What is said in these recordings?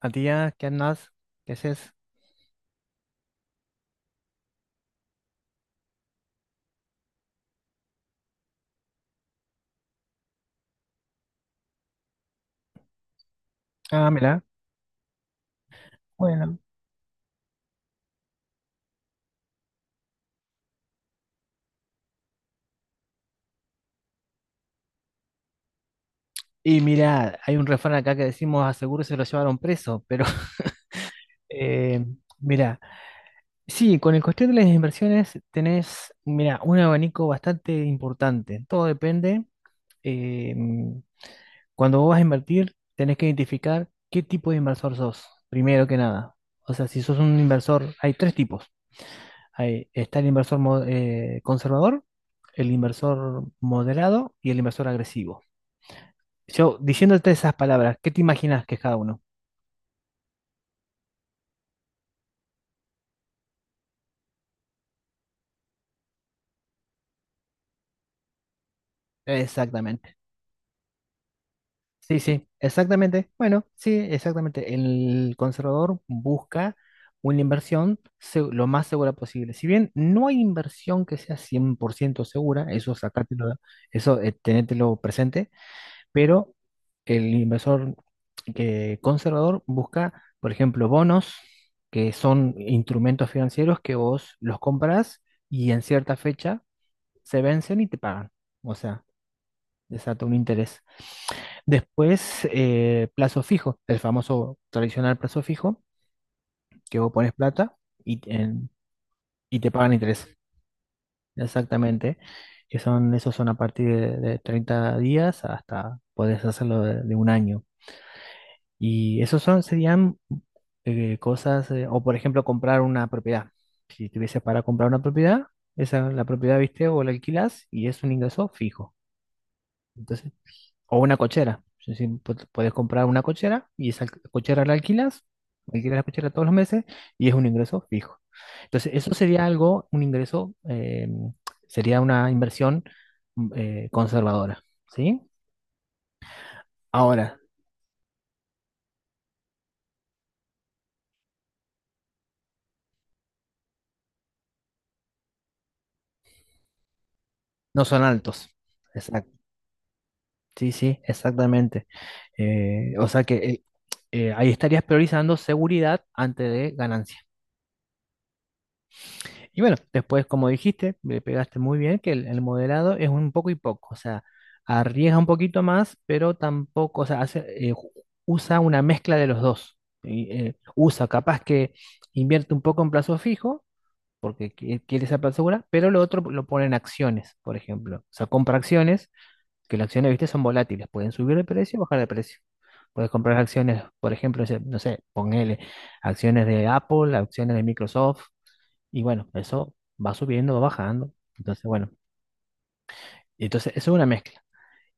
A tía, ¿qué andás? ¿Qué haces? Ah, mira. Y mira, hay un refrán acá que decimos, a seguro se lo llevaron preso, pero eh, mira, sí, con el cuestión de las inversiones tenés, mira, un abanico bastante importante. Todo depende. eh, Cuando vos vas a invertir, tenés que identificar qué tipo de inversor sos, primero que nada. O sea, si sos un inversor, hay tres tipos. Hay, está el inversor conservador, el inversor moderado y el inversor agresivo. Yo, diciéndote esas palabras, ¿qué te imaginas que es cada uno? Exactamente. Sí, sí, exactamente. Bueno, sí, exactamente. El conservador busca una inversión lo más segura posible. Si bien no hay inversión que sea 100% segura, eso sacártelo, eso tenételo presente, pero el inversor que conservador busca, por ejemplo, bonos, que son instrumentos financieros que vos los compras y en cierta fecha se vencen y te pagan. O sea, desata un interés. Después, plazo fijo, el famoso tradicional plazo fijo, que vos pones plata y, en- y te pagan interés. Exactamente. Que son, esos son a partir de, 30 días hasta podés hacerlo de un año. Y esos son, serían cosas, o por ejemplo, comprar una propiedad. Si tuvieses para comprar una propiedad, esa la propiedad, viste, o la alquilás y es un ingreso fijo. Entonces, o una cochera. Es decir, puedes comprar una cochera y esa cochera la alquilas, alquilas la cochera todos los meses y es un ingreso fijo. Entonces, eso sería algo, un ingreso, sería una inversión conservadora, ¿sí? Ahora, no son altos. Exacto. Sí, sí, exactamente. O sea que ahí estarías priorizando seguridad antes de ganancia. Y bueno, después, como dijiste, le pegaste muy bien que el moderado es un poco y poco, o sea, arriesga un poquito más, pero tampoco, o sea, hace, usa una mezcla de los dos. Y, usa, capaz que invierte un poco en plazo fijo, porque quiere esa plata segura, pero lo otro lo pone en acciones, por ejemplo. O sea, compra acciones, que las acciones, viste, son volátiles, pueden subir de precio o bajar de precio. Puedes comprar acciones, por ejemplo, no sé, ponele acciones de Apple, acciones de Microsoft y bueno, eso va subiendo, va bajando. Entonces, bueno, entonces eso es una mezcla.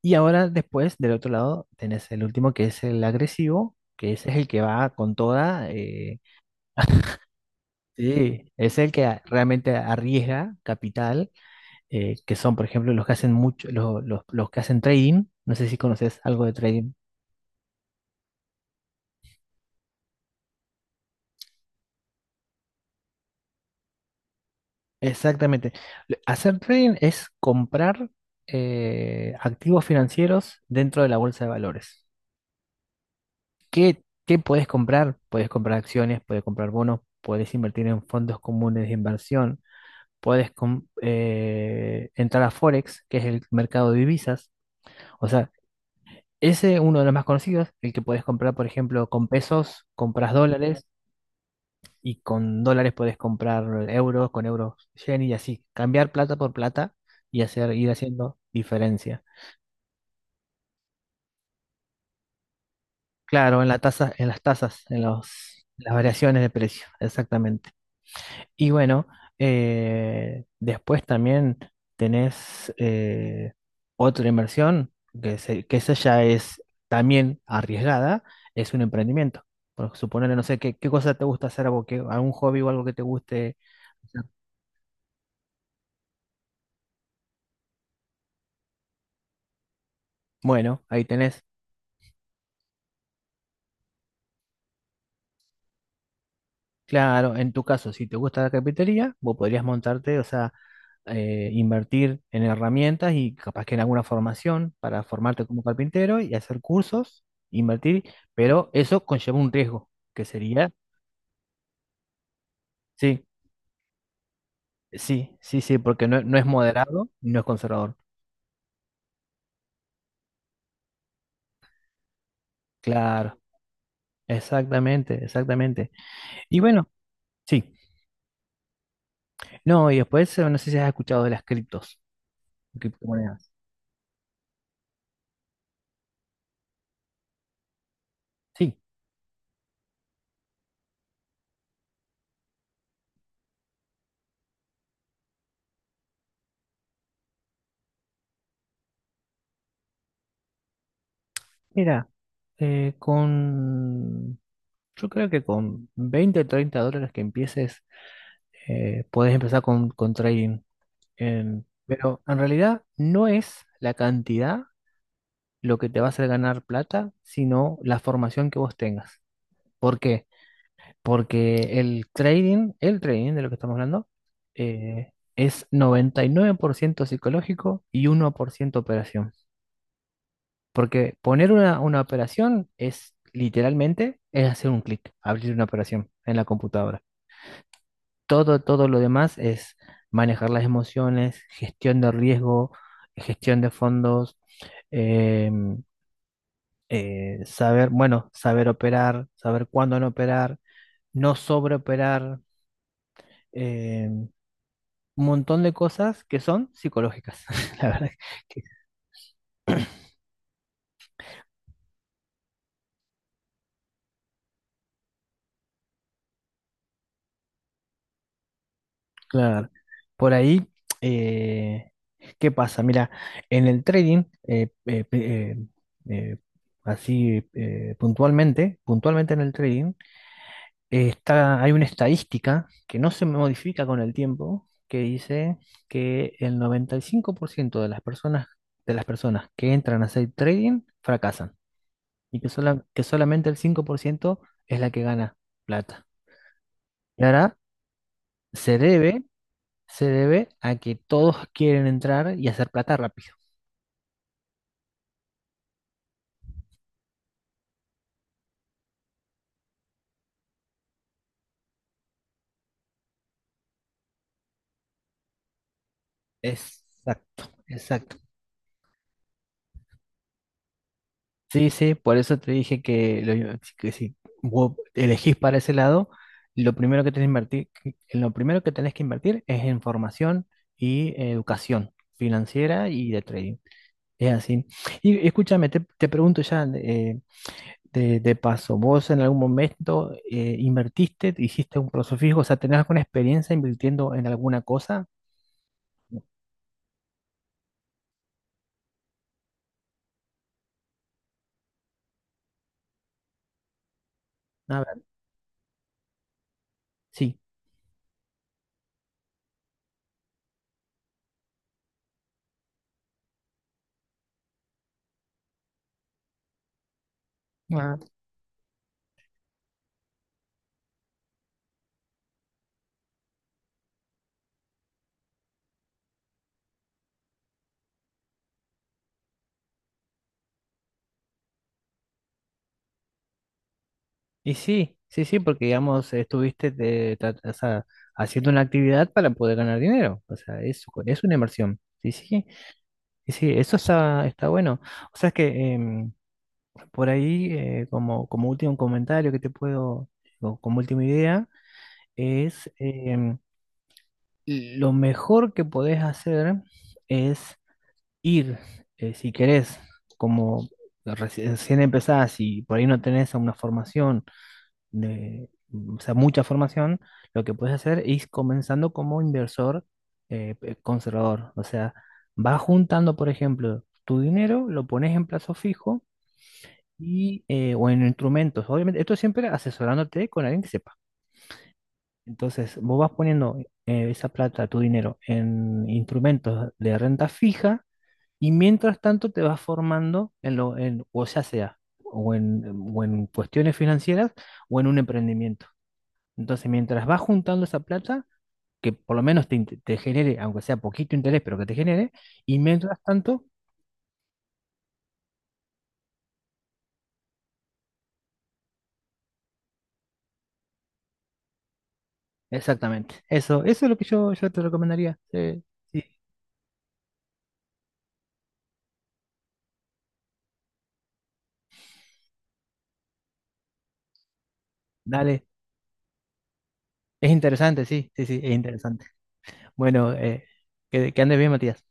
Y ahora después, del otro lado, tenés el último que es el agresivo, que ese es el que va con toda. Sí, es el que realmente arriesga capital, que son, por ejemplo, los que hacen mucho, los que hacen trading. No sé si conoces algo de trading. Exactamente. Hacer trading es comprar activos financieros dentro de la bolsa de valores. ¿Qué puedes comprar? Puedes comprar acciones, puedes comprar bonos, puedes invertir en fondos comunes de inversión, puedes entrar a Forex, que es el mercado de divisas. O sea, ese es uno de los más conocidos, el que puedes comprar, por ejemplo, con pesos, compras dólares y con dólares puedes comprar euros, con euros yen y así, cambiar plata por plata y hacer, ir haciendo diferencia. Claro, en la tasa, en las tasas, en los, las variaciones de precio, exactamente. Y bueno, después también tenés otra inversión, que, que esa ya es también arriesgada, es un emprendimiento. Por suponer, no sé, ¿qué cosa te gusta hacer? ¿Algo que, algún hobby o algo que te guste hacer? Bueno, ahí tenés. Claro, en tu caso, si te gusta la carpintería, vos podrías montarte, o sea, invertir en herramientas y capaz que en alguna formación para formarte como carpintero y hacer cursos, invertir, pero eso conlleva un riesgo, que sería, sí, sí, sí, sí, porque no, no es moderado y no es conservador. Claro, exactamente, exactamente. Y bueno, sí. No, y después, no sé si has escuchado de las criptos, criptomonedas. Sí, mira, eh, con... Yo creo que con 20, 30 dólares que empieces, puedes empezar con trading. Pero en realidad no es la cantidad lo que te va a hacer ganar plata, sino la formación que vos tengas. ¿Por qué? Porque el trading de lo que estamos hablando, es 99% psicológico y 1% operación. Porque poner una operación es literalmente es hacer un clic, abrir una operación en la computadora. Todo lo demás es manejar las emociones, gestión de riesgo, gestión de fondos, eh, saber, bueno, saber operar, saber cuándo no operar, no sobreoperar, eh, un montón de cosas que son psicológicas. La verdad que, claro, por ahí, eh, ¿qué pasa? Mira, en el trading, eh, así puntualmente, puntualmente en el trading, está, hay una estadística que no se modifica con el tiempo, que dice que el 95% de las personas, que entran a hacer trading fracasan y que, que solamente el 5% es la que gana plata. Y ahora se debe, se debe a que todos quieren entrar y hacer plata rápido. Exacto, exacto. Sí, sí, por eso te dije que, que si vos elegís para ese lado, lo primero que tenés que invertir, lo primero que tenés que invertir es en formación y educación financiera y de trading. Es así. Y escúchame, te pregunto ya de paso, ¿vos en algún momento invertiste, hiciste un plazo fijo, o sea, tenés alguna experiencia invirtiendo en alguna cosa? A ver, sí. Y sí, sí, sí, porque digamos, estuviste o sea, haciendo una actividad para poder ganar dinero. O sea, es una inversión. Sí, sí, sí, sí, eso está bueno. O sea, es que em, por ahí, como último comentario que te puedo, o como última idea, es lo mejor que podés hacer es ir, si querés, como recién empezás y por ahí no tenés una formación de, o sea, mucha formación, lo que puedes hacer es comenzando como inversor conservador. O sea, vas juntando, por ejemplo, tu dinero, lo pones en plazo fijo y, o en instrumentos. Obviamente, esto siempre asesorándote con alguien que sepa. Entonces, vos vas poniendo esa plata, tu dinero, en instrumentos de renta fija y mientras tanto te vas formando en lo, en, o ya sea, o en, cuestiones financieras o en un emprendimiento. Entonces, mientras vas juntando esa plata, que por lo menos te genere, aunque sea poquito interés, pero que te genere, y mientras tanto, exactamente. Eso es lo que yo te recomendaría. Sí, sí, dale. Es interesante, sí, sí, sí, es interesante. Bueno, que andes bien, Matías.